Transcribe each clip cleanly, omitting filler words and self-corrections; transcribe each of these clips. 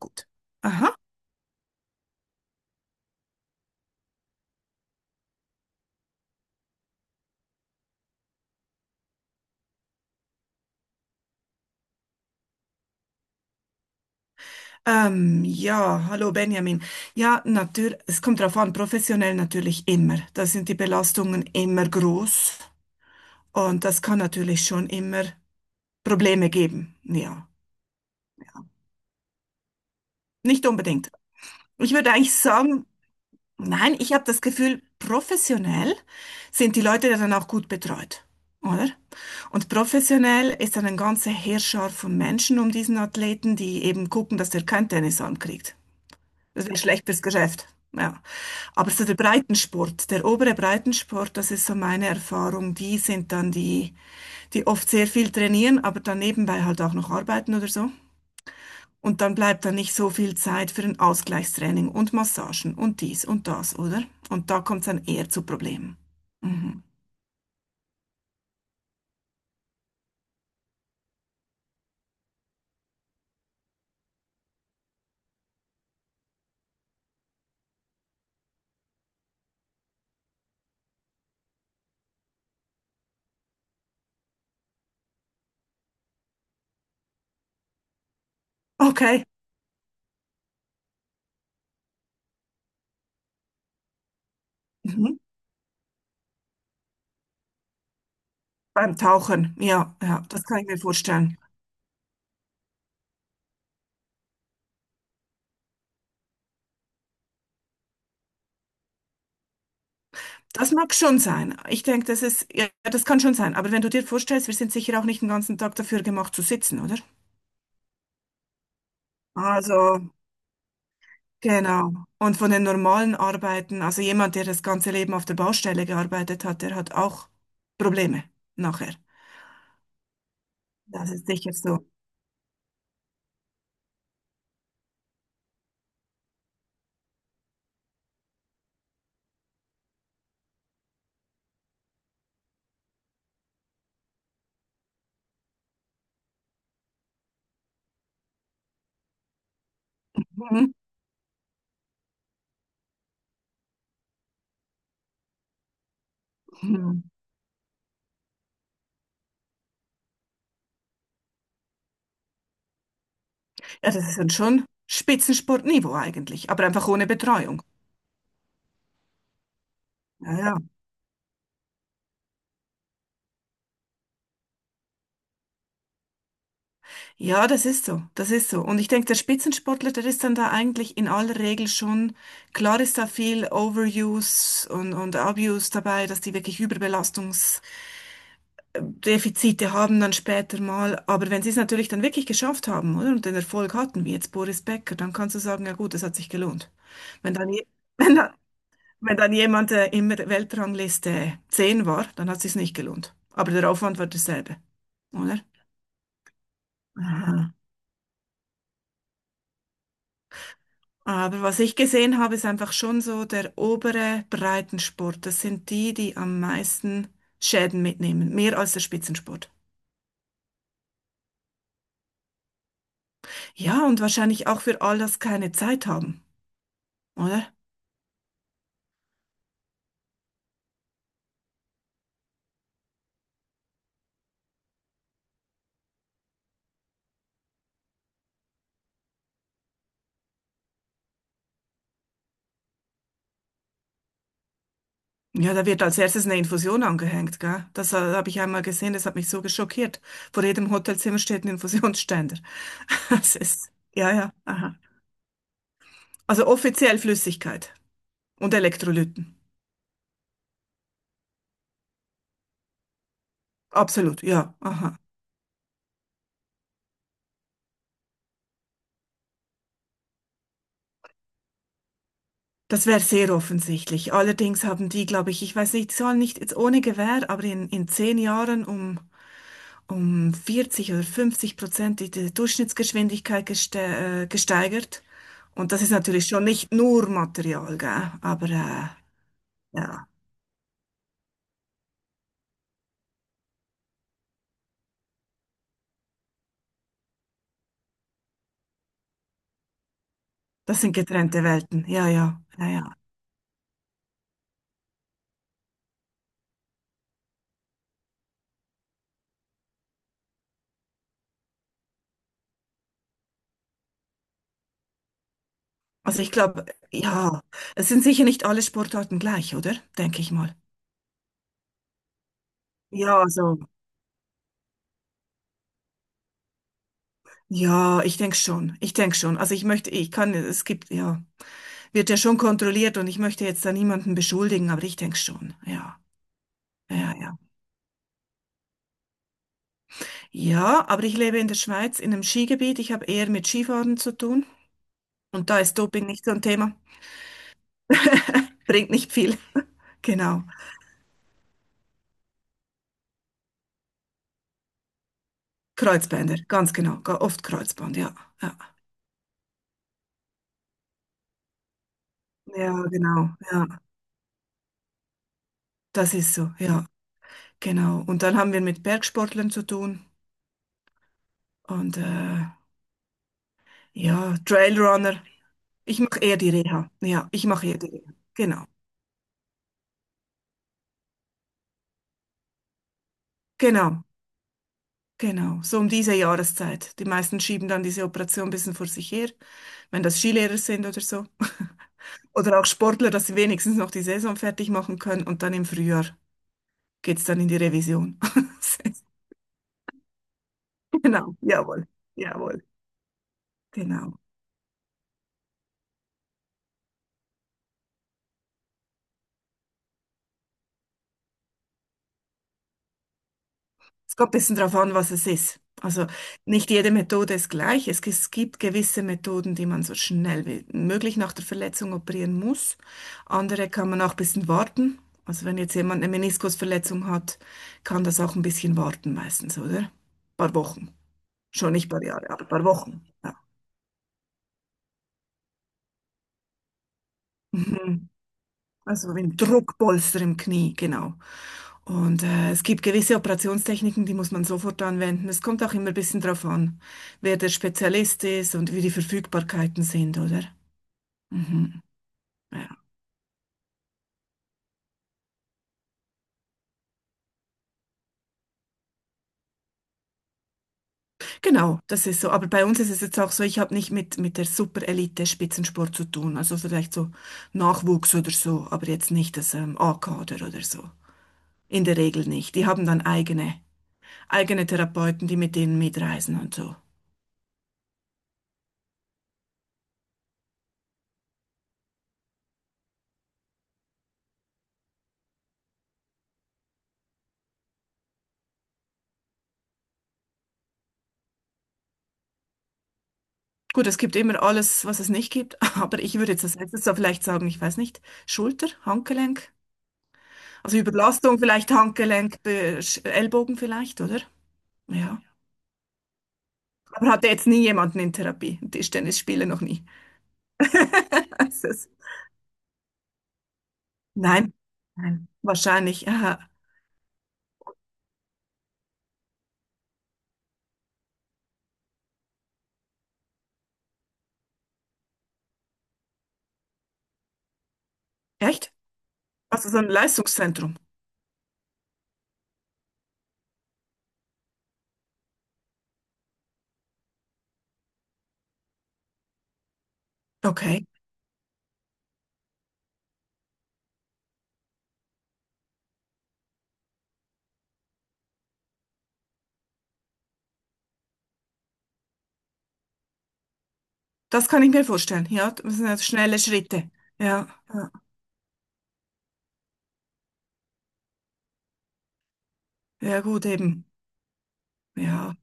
Gut. Aha. Ja, hallo Benjamin. Ja, natürlich, es kommt darauf an, professionell natürlich immer. Da sind die Belastungen immer groß und das kann natürlich schon immer Probleme geben. Ja, nicht unbedingt. Ich würde eigentlich sagen, nein, ich habe das Gefühl, professionell sind die Leute ja dann auch gut betreut, oder? Und professionell ist dann ein ganzer Heerschar von Menschen um diesen Athleten, die eben gucken, dass der kein Tennis ankriegt. Das wäre schlecht fürs Geschäft. Ja. Aber so der Breitensport, der obere Breitensport, das ist so meine Erfahrung. Die sind dann die, die oft sehr viel trainieren, aber dann nebenbei halt auch noch arbeiten oder so. Und dann bleibt dann nicht so viel Zeit für ein Ausgleichstraining und Massagen und dies und das, oder? Und da kommt es dann eher zu Problemen. Mhm. Okay. Mhm. Beim Tauchen, ja, ja, das kann ich mir vorstellen. Das mag schon sein. Ich denke, das ist, ja, das kann schon sein. Aber wenn du dir vorstellst, wir sind sicher auch nicht den ganzen Tag dafür gemacht zu sitzen, oder? Also, genau. Und von den normalen Arbeiten, also jemand, der das ganze Leben auf der Baustelle gearbeitet hat, der hat auch Probleme nachher. Das ist sicher so. Mhm. Mhm. Ja, das ist dann schon Spitzensportniveau eigentlich, aber einfach ohne Betreuung. Ja, ja. Ja, das ist so, das ist so. Und ich denke, der Spitzensportler, der ist dann da eigentlich in aller Regel schon, klar ist da viel Overuse und Abuse dabei, dass die wirklich Überbelastungsdefizite haben dann später mal. Aber wenn sie es natürlich dann wirklich geschafft haben, oder, und den Erfolg hatten, wie jetzt Boris Becker, dann kannst du sagen, ja gut, das hat sich gelohnt. Wenn dann, je- wenn dann, wenn dann jemand in der Weltrangliste 10 war, dann hat es sich nicht gelohnt. Aber der Aufwand war derselbe, oder? Aber was ich gesehen habe, ist einfach schon so der obere Breitensport. Das sind die, die am meisten Schäden mitnehmen, mehr als der Spitzensport. Ja, und wahrscheinlich auch für all das keine Zeit haben, oder? Ja, da wird als erstes eine Infusion angehängt, gell? Das habe ich einmal gesehen, das hat mich so geschockiert. Vor jedem Hotelzimmer steht ein Infusionsständer. Das ist, ja, ja, aha. Also offiziell Flüssigkeit und Elektrolyten. Absolut, ja, aha. Das wäre sehr offensichtlich. Allerdings haben die, glaube ich, ich weiß nicht, die sollen nicht jetzt ohne Gewähr, aber in 10 Jahren um 40 oder 50% die Durchschnittsgeschwindigkeit gesteigert. Und das ist natürlich schon nicht nur Material, gell? Aber ja, das sind getrennte Welten. Ja, ja, ja, ja. Also ich glaube, ja, es sind sicher nicht alle Sportarten gleich, oder? Denke ich mal. Ja, also, ja, ich denke schon. Ich denke schon. Also ich möchte, ich kann, es, gibt, ja. Wird ja schon kontrolliert und ich möchte jetzt da niemanden beschuldigen, aber ich denke schon, ja. Ja, ja. Ja, aber ich lebe in der Schweiz, in einem Skigebiet. Ich habe eher mit Skifahren zu tun. Und da ist Doping nicht so ein Thema. Bringt nicht viel. Genau. Kreuzbänder, ganz genau. Oft Kreuzband, ja. Ja, ja genau. Ja, das ist so, ja. Genau. Und dann haben wir mit Bergsportlern zu tun. Und ja, Trailrunner. Ich mache eher die Reha. Ja, ich mache eher die Reha. Genau. Genau. Genau, so um diese Jahreszeit. Die meisten schieben dann diese Operation ein bisschen vor sich her, wenn das Skilehrer sind oder so. Oder auch Sportler, dass sie wenigstens noch die Saison fertig machen können und dann im Frühjahr geht's dann in die Revision. Genau, jawohl, jawohl, genau. Es kommt ein bisschen darauf an, was es ist. Also nicht jede Methode ist gleich. Es gibt gewisse Methoden, die man so schnell wie möglich nach der Verletzung operieren muss. Andere kann man auch ein bisschen warten. Also wenn jetzt jemand eine Meniskusverletzung hat, kann das auch ein bisschen warten meistens, oder? Ein paar Wochen. Schon nicht ein paar Jahre, aber ein paar Wochen. Ja. Also ein Druckpolster im Knie, genau. Und es gibt gewisse Operationstechniken, die muss man sofort anwenden. Es kommt auch immer ein bisschen drauf an, wer der Spezialist ist und wie die Verfügbarkeiten sind, oder? Mhm. Ja. Genau, das ist so. Aber bei uns ist es jetzt auch so, ich habe nicht mit, der Super-Elite-Spitzensport zu tun. Also vielleicht so Nachwuchs oder so, aber jetzt nicht das A-Kader oder so. In der Regel nicht. Die haben dann eigene Therapeuten, die mit denen mitreisen und so. Gut, es gibt immer alles, was es nicht gibt, aber ich würde jetzt als letztes da vielleicht sagen, ich weiß nicht, Schulter, Handgelenk, also Überlastung vielleicht, Handgelenk, Ellbogen vielleicht, oder? Ja. Aber hatte jetzt nie jemanden in Therapie. Tischtennisspieler noch nie. Das ist- Nein, nein, wahrscheinlich. Aha. Echt? Also so ein Leistungszentrum. Okay, das kann ich mir vorstellen. Ja, das sind ja schnelle Schritte. Ja, ja, ja, gut eben. Ja,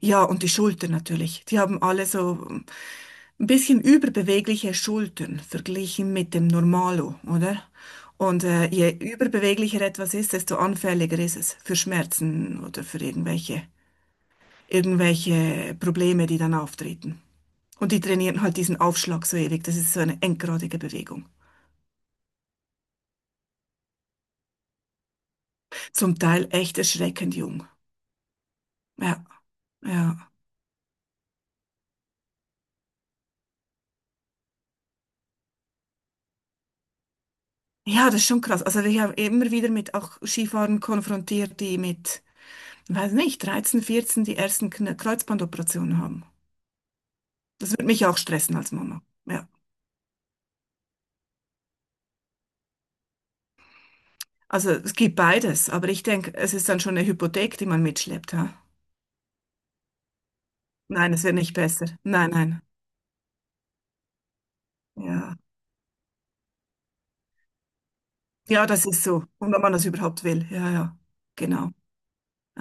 ja, und die Schulter natürlich. Die haben alle so ein bisschen überbewegliche Schultern verglichen mit dem Normalo, oder? Und je überbeweglicher etwas ist, desto anfälliger ist es für Schmerzen oder für irgendwelche Probleme, die dann auftreten. Und die trainieren halt diesen Aufschlag so ewig. Das ist so eine endgradige Bewegung. Zum Teil echt erschreckend jung. Ja, ja. Ja, das ist schon krass. Also ich habe immer wieder mit auch Skifahrern konfrontiert, die mit, weiß nicht, 13, 14 die ersten Kreuzbandoperationen haben. Das würde mich auch stressen als Mama. Ja. Also es gibt beides, aber ich denke, es ist dann schon eine Hypothek, die man mitschleppt. Ha? Nein, es wird nicht besser. Nein, nein. Ja. Ja, das ist so. Und wenn man das überhaupt will. Ja, ja. Genau. Aha.